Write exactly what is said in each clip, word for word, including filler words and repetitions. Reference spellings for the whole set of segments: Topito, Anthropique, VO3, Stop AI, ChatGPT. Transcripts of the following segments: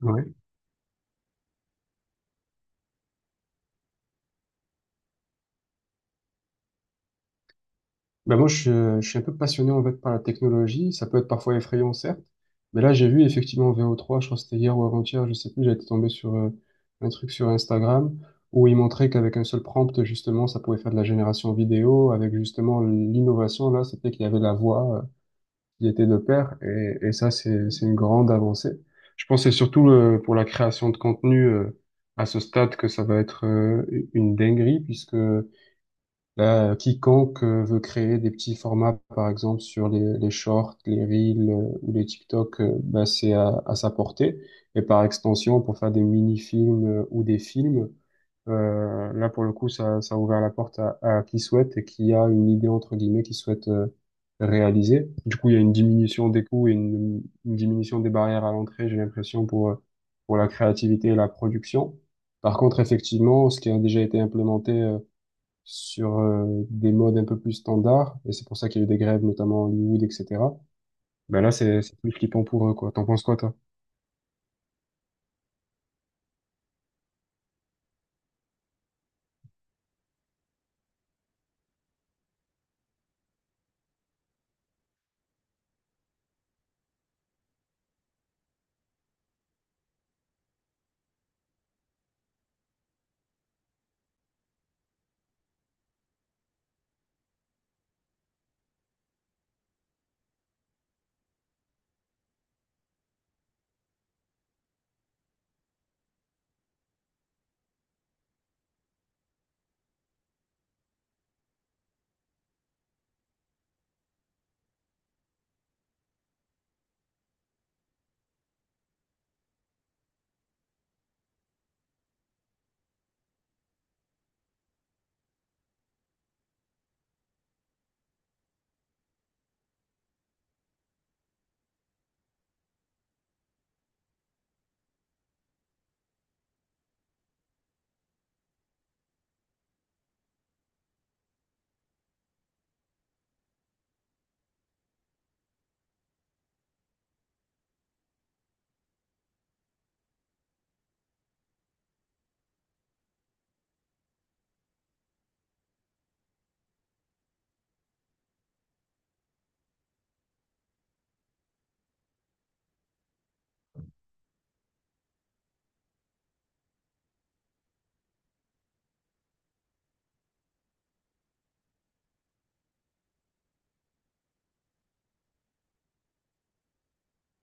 Ouais. Ben moi, je, suis euh, je suis un peu passionné en fait par la technologie. Ça peut être parfois effrayant, certes, mais là, j'ai vu effectivement V O trois, je crois que c'était hier ou avant-hier, je sais plus, j'étais tombé sur euh, un truc sur Instagram où il montrait qu'avec un seul prompt, justement, ça pouvait faire de la génération vidéo. Avec justement l'innovation, là, c'était qu'il y avait la voix euh, qui était de pair, et, et ça, c'est, c'est une grande avancée. Je pense que c'est surtout euh, pour la création de contenu euh, à ce stade que ça va être euh, une dinguerie, puisque là, euh, quiconque euh, veut créer des petits formats, par exemple sur les, les shorts, les reels euh, ou les TikTok, euh, bah, c'est à, à sa portée. Et par extension, pour faire des mini-films euh, ou des films, euh, là pour le coup, ça, ça a ouvert la porte à, à qui souhaite et qui a une idée entre guillemets qui souhaite euh, réaliser. Du coup, il y a une diminution des coûts et une, une diminution des barrières à l'entrée, j'ai l'impression, pour, euh, pour la créativité et la production. Par contre, effectivement, ce qui a déjà été implémenté euh, sur euh, des modes un peu plus standards, et c'est pour ça qu'il y a eu des grèves, notamment à Hollywood, et cetera. Ben là, c'est c'est plus flippant pour eux, quoi. T'en penses quoi, toi?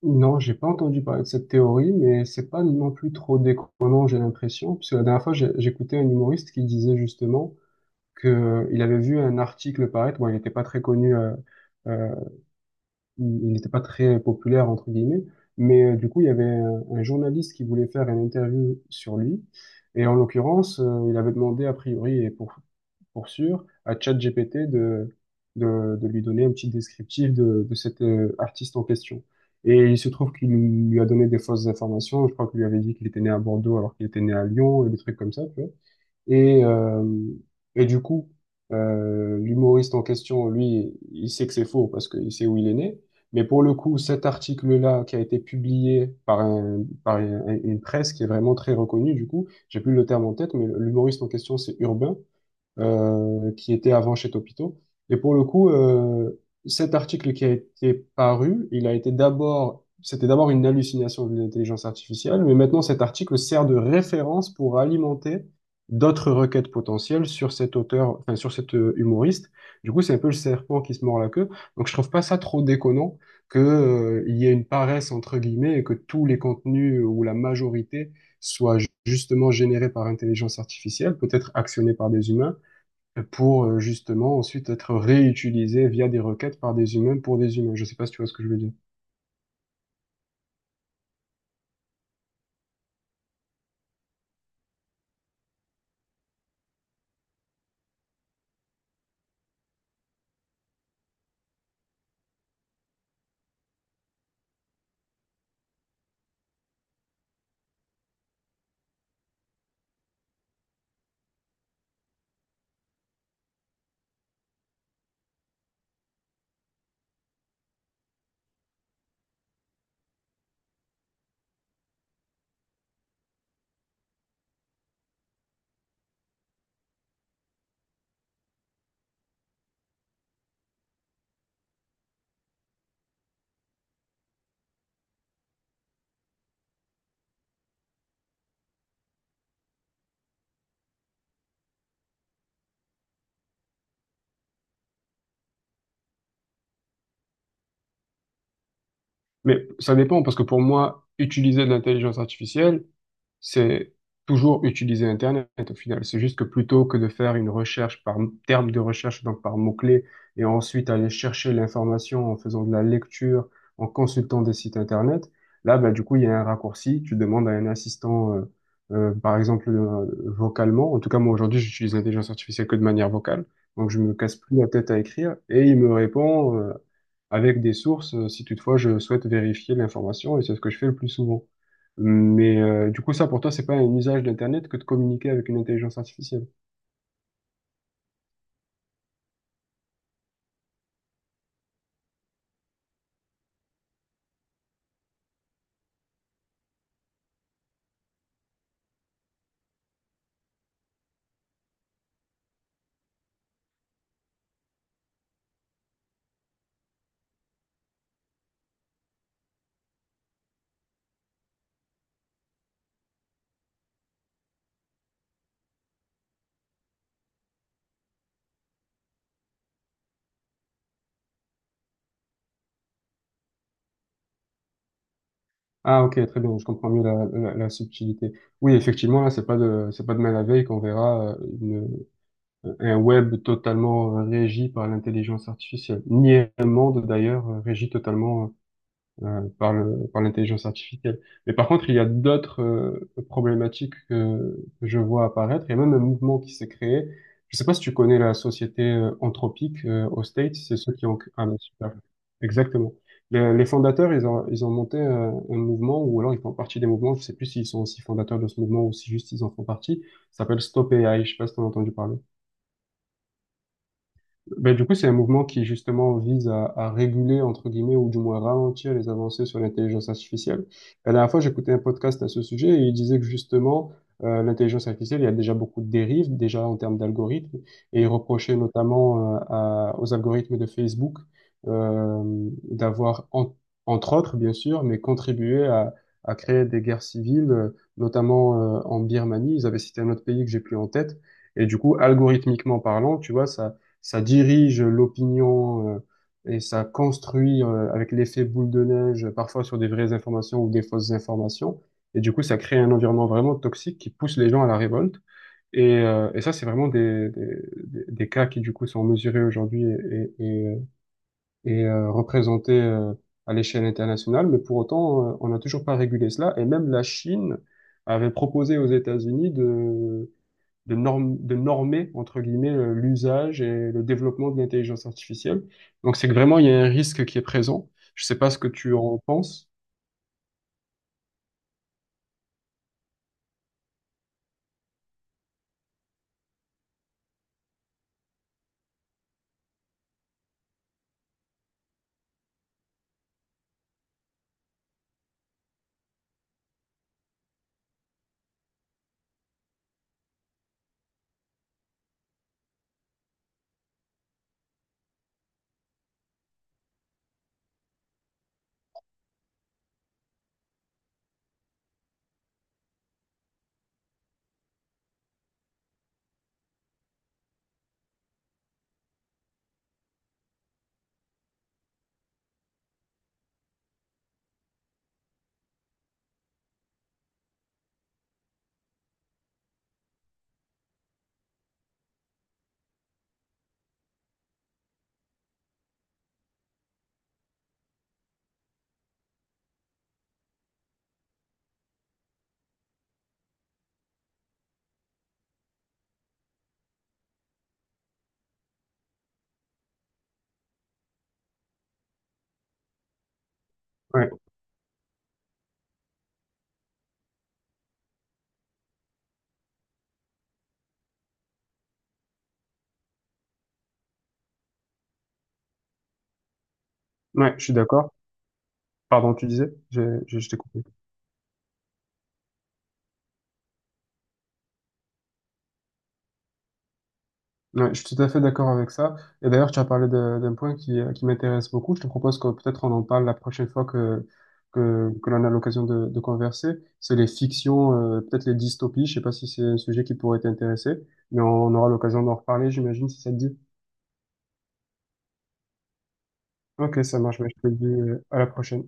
Non, j'ai pas entendu parler de cette théorie, mais c'est pas non plus trop déconnant, j'ai l'impression, puisque la dernière fois, j'ai- j'écoutais un humoriste qui disait justement que euh, il avait vu un article paraître, bon, il n'était pas très connu, euh, euh, il n'était pas très populaire, entre guillemets, mais euh, du coup, il y avait un, un journaliste qui voulait faire une interview sur lui, et en l'occurrence, euh, il avait demandé, a priori, et pour, pour sûr, à ChatGPT de, de, de lui donner un petit descriptif de, de cet euh, artiste en question. Et il se trouve qu'il lui a donné des fausses informations, je crois qu'il lui avait dit qu'il était né à Bordeaux alors qu'il était né à Lyon, et des trucs comme ça, tu vois. Et, euh, et du coup, euh, l'humoriste en question, lui, il sait que c'est faux parce qu'il sait où il est né. Mais pour le coup, cet article-là qui a été publié par, un, par un- une presse qui est vraiment très reconnue, du coup, j'ai plus le terme en tête, mais l'humoriste en question, c'est Urbain euh, qui était avant chez Topito. Et pour le coup, euh, cet article qui a été paru, il a été d'abord, c'était d'abord une hallucination de l'intelligence artificielle, mais maintenant cet article sert de référence pour alimenter d'autres requêtes potentielles sur cet auteur, enfin sur cet euh, humoriste. Du coup, c'est un peu le serpent qui se mord la queue. Donc, je trouve pas ça trop déconnant que, euh, il y ait une paresse entre guillemets et que tous les contenus euh, ou la majorité soient ju- justement générés par intelligence artificielle, peut-être actionnés par des humains pour euh, justement ensuite être réutilisé via des requêtes par des humains pour des humains. Je sais pas si tu vois ce que je veux dire. Mais ça dépend, parce que pour moi, utiliser de l'intelligence artificielle, c'est toujours utiliser Internet au final. C'est juste que plutôt que de faire une recherche par terme de recherche, donc par mots-clés, et ensuite aller chercher l'information en faisant de la lecture, en consultant des sites Internet, là, ben, du coup, il y a un raccourci. Tu demandes à un assistant, euh, euh, par exemple, euh, vocalement. En tout cas, moi, aujourd'hui, j'utilise l'intelligence artificielle que de manière vocale. Donc, je me casse plus la tête à écrire et il me répond, euh, avec des sources, euh, si toutefois je souhaite vérifier l'information, et c'est ce que je fais le plus souvent. Mais euh, du coup, ça, pour toi, c'est pas un usage d'Internet que de communiquer avec une intelligence artificielle. Ah, ok, très bien, je comprends mieux la, la, la subtilité. Oui, effectivement, là, c'est pas de, c'est pas demain la veille qu'on verra euh, une- euh, un web totalement euh, régi par l'intelligence artificielle, ni un monde d'ailleurs euh, régi totalement euh, euh, par le, par l'intelligence artificielle. Mais par contre, il y a d'autres euh, problématiques que, que je vois apparaître. Il y a même un mouvement qui s'est créé. Je sais pas si tu connais la société euh, Anthropique euh, aux States, c'est ceux qui ont... Ah, mais super. Exactement. Les, les fondateurs, ils ont, ils ont monté euh, un mouvement, ou alors ils font partie des mouvements, je sais plus s'ils sont aussi fondateurs de ce mouvement ou si juste ils en font partie, ça s'appelle Stop A I, je sais pas si tu as entendu parler. Ben, du coup, c'est un mouvement qui justement vise à, à réguler, entre guillemets, ou du moins ralentir les avancées sur l'intelligence artificielle. La dernière fois, j'écoutais un podcast à ce sujet et il disait que justement, euh, l'intelligence artificielle, il y a déjà beaucoup de dérives, déjà en termes d'algorithmes, et il reprochait notamment euh, à- aux algorithmes de Facebook euh, d'avoir, en- entre autres, bien sûr, mais contribué à, à créer des guerres civiles, euh, notamment euh, en Birmanie. Ils avaient cité un autre pays que j'ai plus en tête. Et du coup, algorithmiquement parlant, tu vois, ça ça dirige l'opinion euh, et ça construit euh, avec l'effet boule de neige, parfois sur des vraies informations ou des fausses informations. Et du coup, ça crée un environnement vraiment toxique qui pousse les gens à la révolte. Et, euh, et ça, c'est vraiment des, des, des- des cas qui, du coup, sont mesurés aujourd'hui et, et, et, euh, et, euh, représentés euh, à l'échelle internationale. Mais pour autant, euh, on n'a toujours pas régulé cela. Et même la Chine avait proposé aux États-Unis de de, norm- de normer, entre guillemets, euh, l'usage et le développement de l'intelligence artificielle. Donc c'est que vraiment, il y a un risque qui est présent. Je sais pas ce que tu en penses. Ouais, ouais, je suis d'accord. Pardon, tu disais, j'ai, j'ai- je t'ai coupé. Ouais, je suis tout à fait d'accord avec ça. Et d'ailleurs, tu as parlé de- d'un point qui, euh, qui m'intéresse beaucoup. Je te propose que peut-être on en parle la prochaine fois que, que, que l'on a l'occasion de, de converser. C'est les fictions, euh, peut-être les dystopies. Je sais pas si c'est un sujet qui pourrait t'intéresser, mais on aura l'occasion d'en reparler, j'imagine, si ça te dit. Ok, ça marche, mais je te le dis euh, à la prochaine.